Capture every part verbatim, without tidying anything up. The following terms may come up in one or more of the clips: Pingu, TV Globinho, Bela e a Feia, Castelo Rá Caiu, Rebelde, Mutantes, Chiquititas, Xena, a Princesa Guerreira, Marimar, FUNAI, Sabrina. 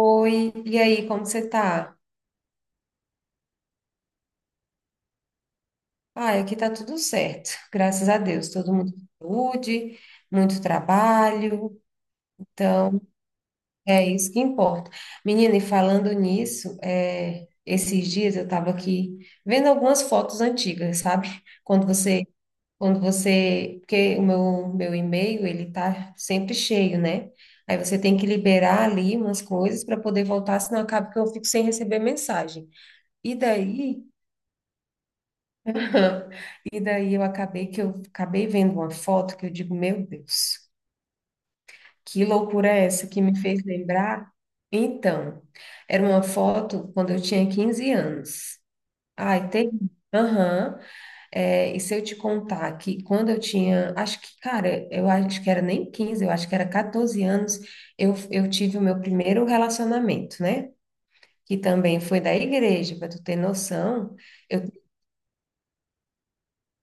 Oi, e aí, como você tá? Ai, aqui tá tudo certo, graças a Deus. Todo mundo com saúde, muito trabalho, então é isso que importa. Menina, e falando nisso, é, esses dias eu tava aqui vendo algumas fotos antigas, sabe? Quando você, quando você, porque o meu, meu e-mail, ele tá sempre cheio, né? Aí você tem que liberar ali umas coisas para poder voltar, senão acaba que eu fico sem receber mensagem. E daí Aham. E daí eu acabei que eu acabei vendo uma foto que eu digo, meu Deus, que loucura é essa que me fez lembrar? Então, era uma foto quando eu tinha quinze anos. Ai, tem. Aham. É, e se eu te contar que quando eu tinha, acho que, cara, eu acho que era nem quinze eu acho que era catorze anos, eu, eu tive o meu primeiro relacionamento, né? Que também foi da igreja, para tu ter noção, eu,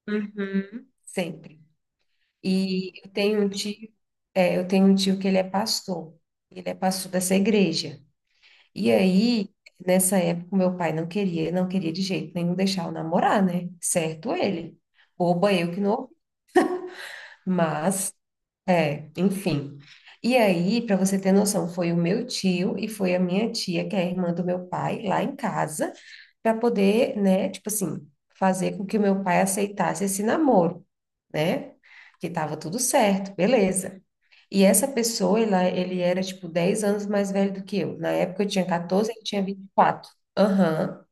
Uhum, sempre. E eu tenho um tio, é, eu tenho um tio que ele é pastor, ele é pastor dessa igreja. E aí, nessa época, o meu pai não queria, não queria de jeito nenhum deixar eu namorar, né? Certo ele. Boba eu que não, mas, é, enfim. E aí, para você ter noção, foi o meu tio e foi a minha tia, que é a irmã do meu pai, lá em casa, para poder, né, tipo assim, fazer com que o meu pai aceitasse esse namoro, né? Que tava tudo certo, beleza. E essa pessoa, ela, ele era, tipo, dez anos mais velho do que eu. Na época eu tinha catorze, ele tinha vinte e quatro. Aham,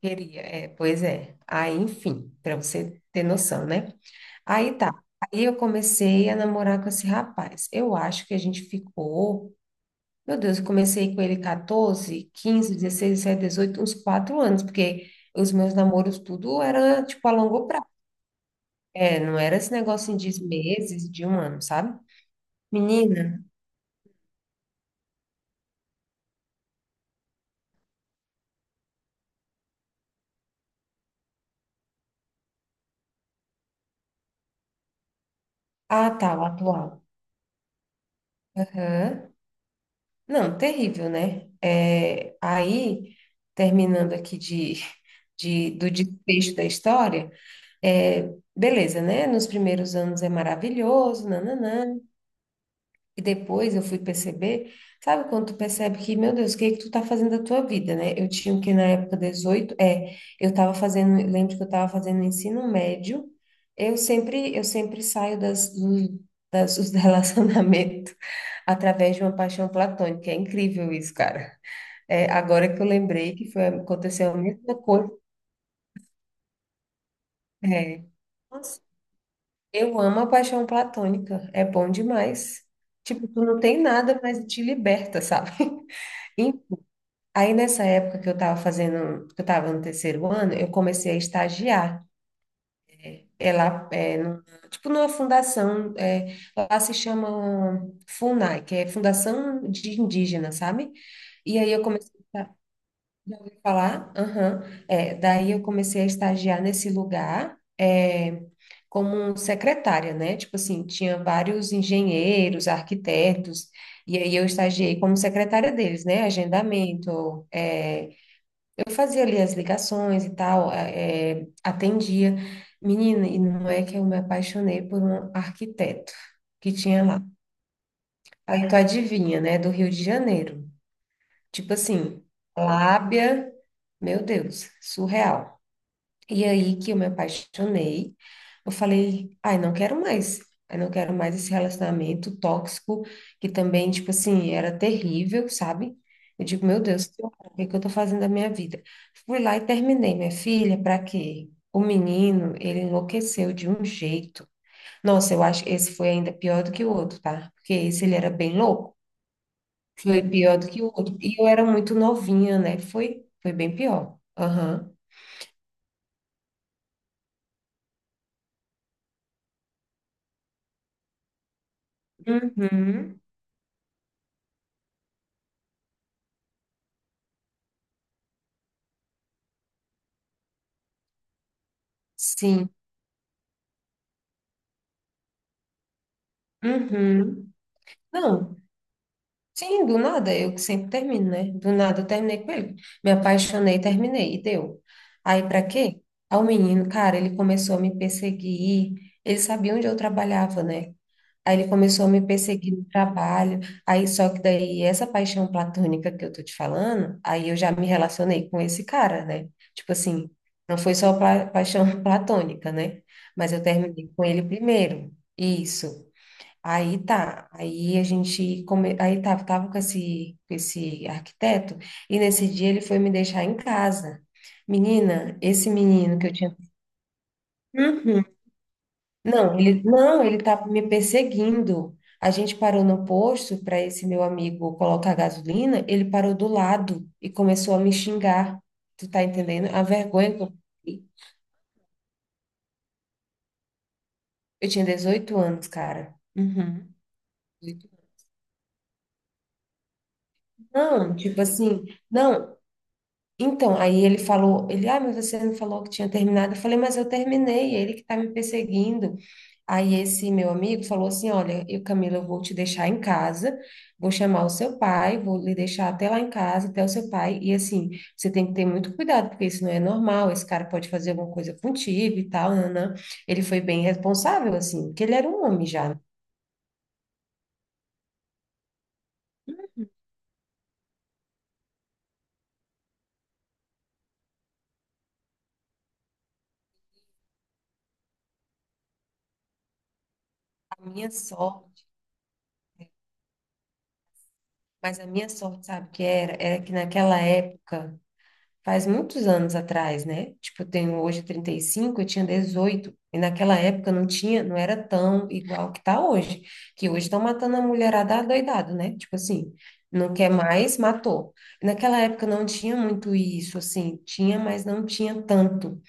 queria. É, pois é. Aí, enfim, para você ter noção, né? Aí tá. Aí eu comecei a namorar com esse rapaz. Eu acho que a gente ficou. Meu Deus, eu comecei com ele catorze, quinze, dezesseis, dezessete, dezoito, uns quatro anos, porque os meus namoros tudo era, tipo, a longo prazo. É, não era esse negócio de meses, de um ano, sabe? Menina. Ah, tá, o atual. Aham. Não, terrível, né? É, aí, terminando aqui de, de- do desfecho da história, é, beleza, né? Nos primeiros anos é maravilhoso, nananã, e depois eu fui perceber, sabe quando tu percebe que, meu Deus, o que é que tu tá fazendo da tua vida, né? Eu tinha o que na época dezoito, é, eu tava fazendo, lembro que eu tava fazendo ensino médio, eu sempre, eu sempre saio das, do- das, dos relacionamentos através de uma paixão platônica, é incrível isso, cara. É, agora que eu lembrei que foi, aconteceu a mesma coisa. É. Nossa, eu amo a paixão platônica, é bom demais. Tipo, tu não tem nada, mas te liberta, sabe? E aí nessa época que eu tava fazendo, que eu tava no terceiro ano, eu comecei a estagiar. É lá, é, num- tipo numa fundação, é, lá se chama FUNAI, que é Fundação de Indígenas, sabe? E aí eu comecei falar? Aham. É, daí eu comecei a estagiar nesse lugar, é, como secretária, né? Tipo assim, tinha vários engenheiros, arquitetos, e aí eu estagiei como secretária deles, né? Agendamento, é, eu fazia ali as ligações e tal, é, atendia. Menina, e não é que eu me apaixonei por um arquiteto que tinha lá. Aí tu adivinha, né? Do Rio de Janeiro. Tipo assim, lábia, meu Deus, surreal. E aí que eu me apaixonei, eu falei, ai, não quero mais, ai, não quero mais esse relacionamento tóxico, que também, tipo assim, era terrível, sabe? Eu digo, meu Deus, que horror, o que que eu tô fazendo da minha vida? Fui lá e terminei, minha filha, pra quê? O menino, ele enlouqueceu de um jeito. Nossa, eu acho que esse foi ainda pior do que o outro, tá? Porque esse ele era bem louco, foi pior do que o outro. E eu era muito novinha, né? Foi, foi bem pior. Aham. Uhum. Sim. Uhum. Não, sim, do nada, eu que sempre termino, né? Do nada eu terminei com ele. Me apaixonei, terminei, e deu. Aí pra quê? Aí o menino, cara, ele começou a me perseguir, ele sabia onde eu trabalhava, né? Aí ele começou a me perseguir no trabalho, aí só que daí essa paixão platônica que eu tô te falando, aí eu já me relacionei com esse cara, né? Tipo assim, não foi só pla- paixão platônica, né? Mas eu terminei com ele primeiro, isso. Aí tá, aí a gente, come... aí tava, tava com esse, com esse arquiteto, e nesse dia ele foi me deixar em casa. Menina, esse menino que eu tinha. Uhum. Não, ele não, ele tava me perseguindo. A gente parou no posto para esse meu amigo colocar gasolina, ele parou do lado e começou a me xingar. Tu tá entendendo? A vergonha que eu fiquei. Eu tinha dezoito anos, cara. Uhum. dezoito anos. Não, tipo assim, não. Então, aí ele falou, ele, ah, mas você não falou que tinha terminado. Eu falei, mas eu terminei, é ele que está me perseguindo. Aí esse meu amigo falou assim, olha, eu, Camila, eu vou te deixar em casa, vou chamar o seu pai, vou lhe deixar até lá em casa, até o seu pai. E assim, você tem que ter muito cuidado, porque isso não é normal, esse cara pode fazer alguma coisa contigo e tal, nanã. Ele foi bem responsável, assim, porque ele era um homem já, né? A minha sorte, mas a minha sorte, sabe o que era? Era que naquela época faz muitos anos atrás, né? Tipo, eu tenho hoje trinta e cinco, eu tinha dezoito. E naquela época não tinha, não era tão igual que tá hoje. Que hoje estão matando a mulherada adoidado, né? Tipo assim, não quer mais, matou. E naquela época não tinha muito isso, assim, tinha, mas não tinha tanto.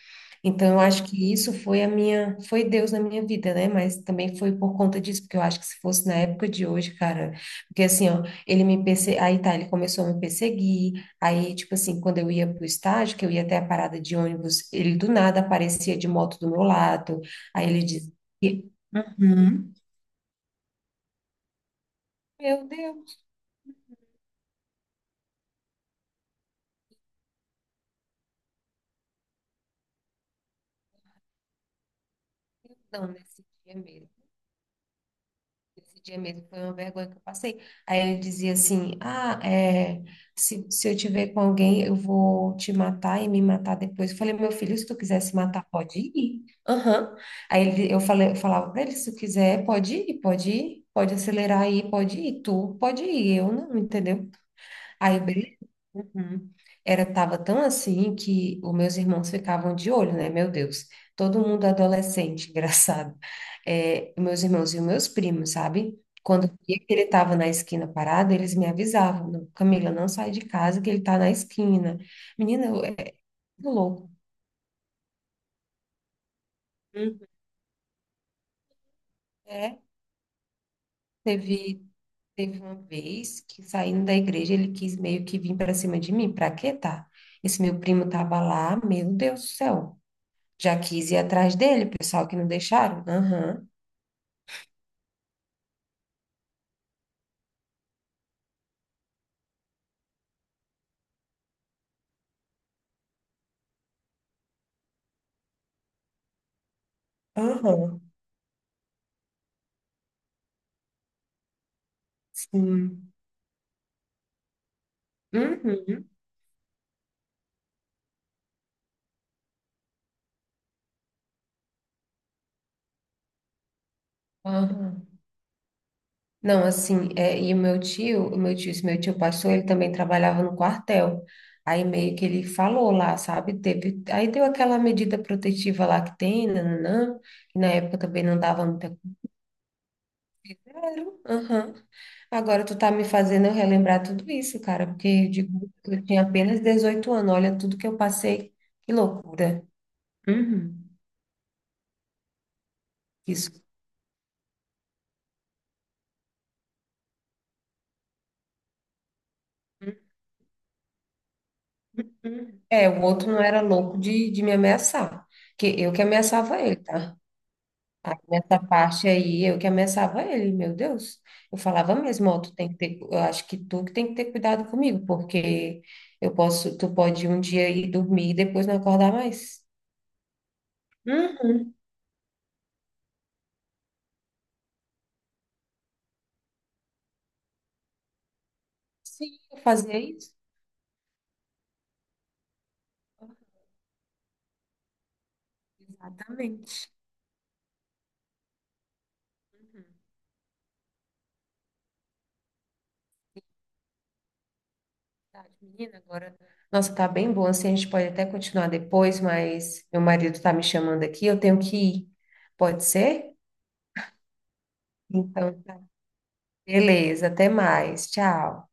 Então, eu acho que isso foi a minha, foi Deus na minha vida, né? Mas também foi por conta disso, porque eu acho que se fosse na época de hoje, cara, porque assim, ó, ele me perse... aí tá, ele começou a me perseguir, aí, tipo assim, quando eu ia pro estágio, que eu ia até a parada de ônibus, ele do nada aparecia de moto do meu lado, aí ele dizia. Uhum. Meu Deus, não, nesse dia mesmo. Esse dia mesmo foi uma vergonha que eu passei. Aí ele dizia assim: ah, é, se, se eu te ver com alguém, eu vou te matar e me matar depois. Eu falei, meu filho, se tu quiser se matar, pode ir. Aham. Aí ele, eu falei, eu falava pra ele: se tu quiser, pode ir, pode ir, pode acelerar aí, pode ir. Tu pode ir, eu não, entendeu? Aí, beleza. Uhum. Era, tava tão assim que os meus irmãos ficavam de olho, né? Meu Deus, todo mundo adolescente, engraçado. É, meus irmãos e os meus primos, sabe? Quando eu via que ele estava na esquina parado, eles me avisavam, "Não, Camila, não sai de casa que ele está na esquina." Menina, eu- é muito louco. Uhum. É, teve, teve uma vez que saindo da igreja, ele quis meio que vir para cima de mim. Pra quê, tá? Esse meu primo tava lá, meu Deus do céu. Já quis ir atrás dele, pessoal que não deixaram. Aham, aham, sim. Uhum, aham. Não, assim, é, e o meu tio, o meu tio, esse meu tio pastor, ele também trabalhava no quartel. Aí meio que ele falou lá, sabe? Teve, aí deu aquela medida protetiva lá que tem, nananã, que na época também não dava muita coisa, zero. Aham. Agora tu tá me fazendo eu relembrar tudo isso, cara, porque eu digo, eu tinha apenas dezoito anos, olha tudo que eu passei, que loucura. Uhum. Isso. Uhum. É, o outro não era louco de, de me ameaçar, que eu que ameaçava ele, tá? Aí, nessa parte aí, eu que ameaçava ele, meu Deus. Eu falava mesmo, ó, tu tem que ter, eu acho que tu que tem que ter cuidado comigo, porque eu posso, tu pode um dia ir dormir e depois não acordar mais. Uhum, sim, eu fazia isso. Exatamente. Uhum. Tarde, Menina, agora. Nossa, tá bem bom. Assim, a gente pode até continuar depois, mas meu marido tá me chamando aqui, eu tenho que ir. Pode ser? Então, tá. Beleza, até mais. Tchau.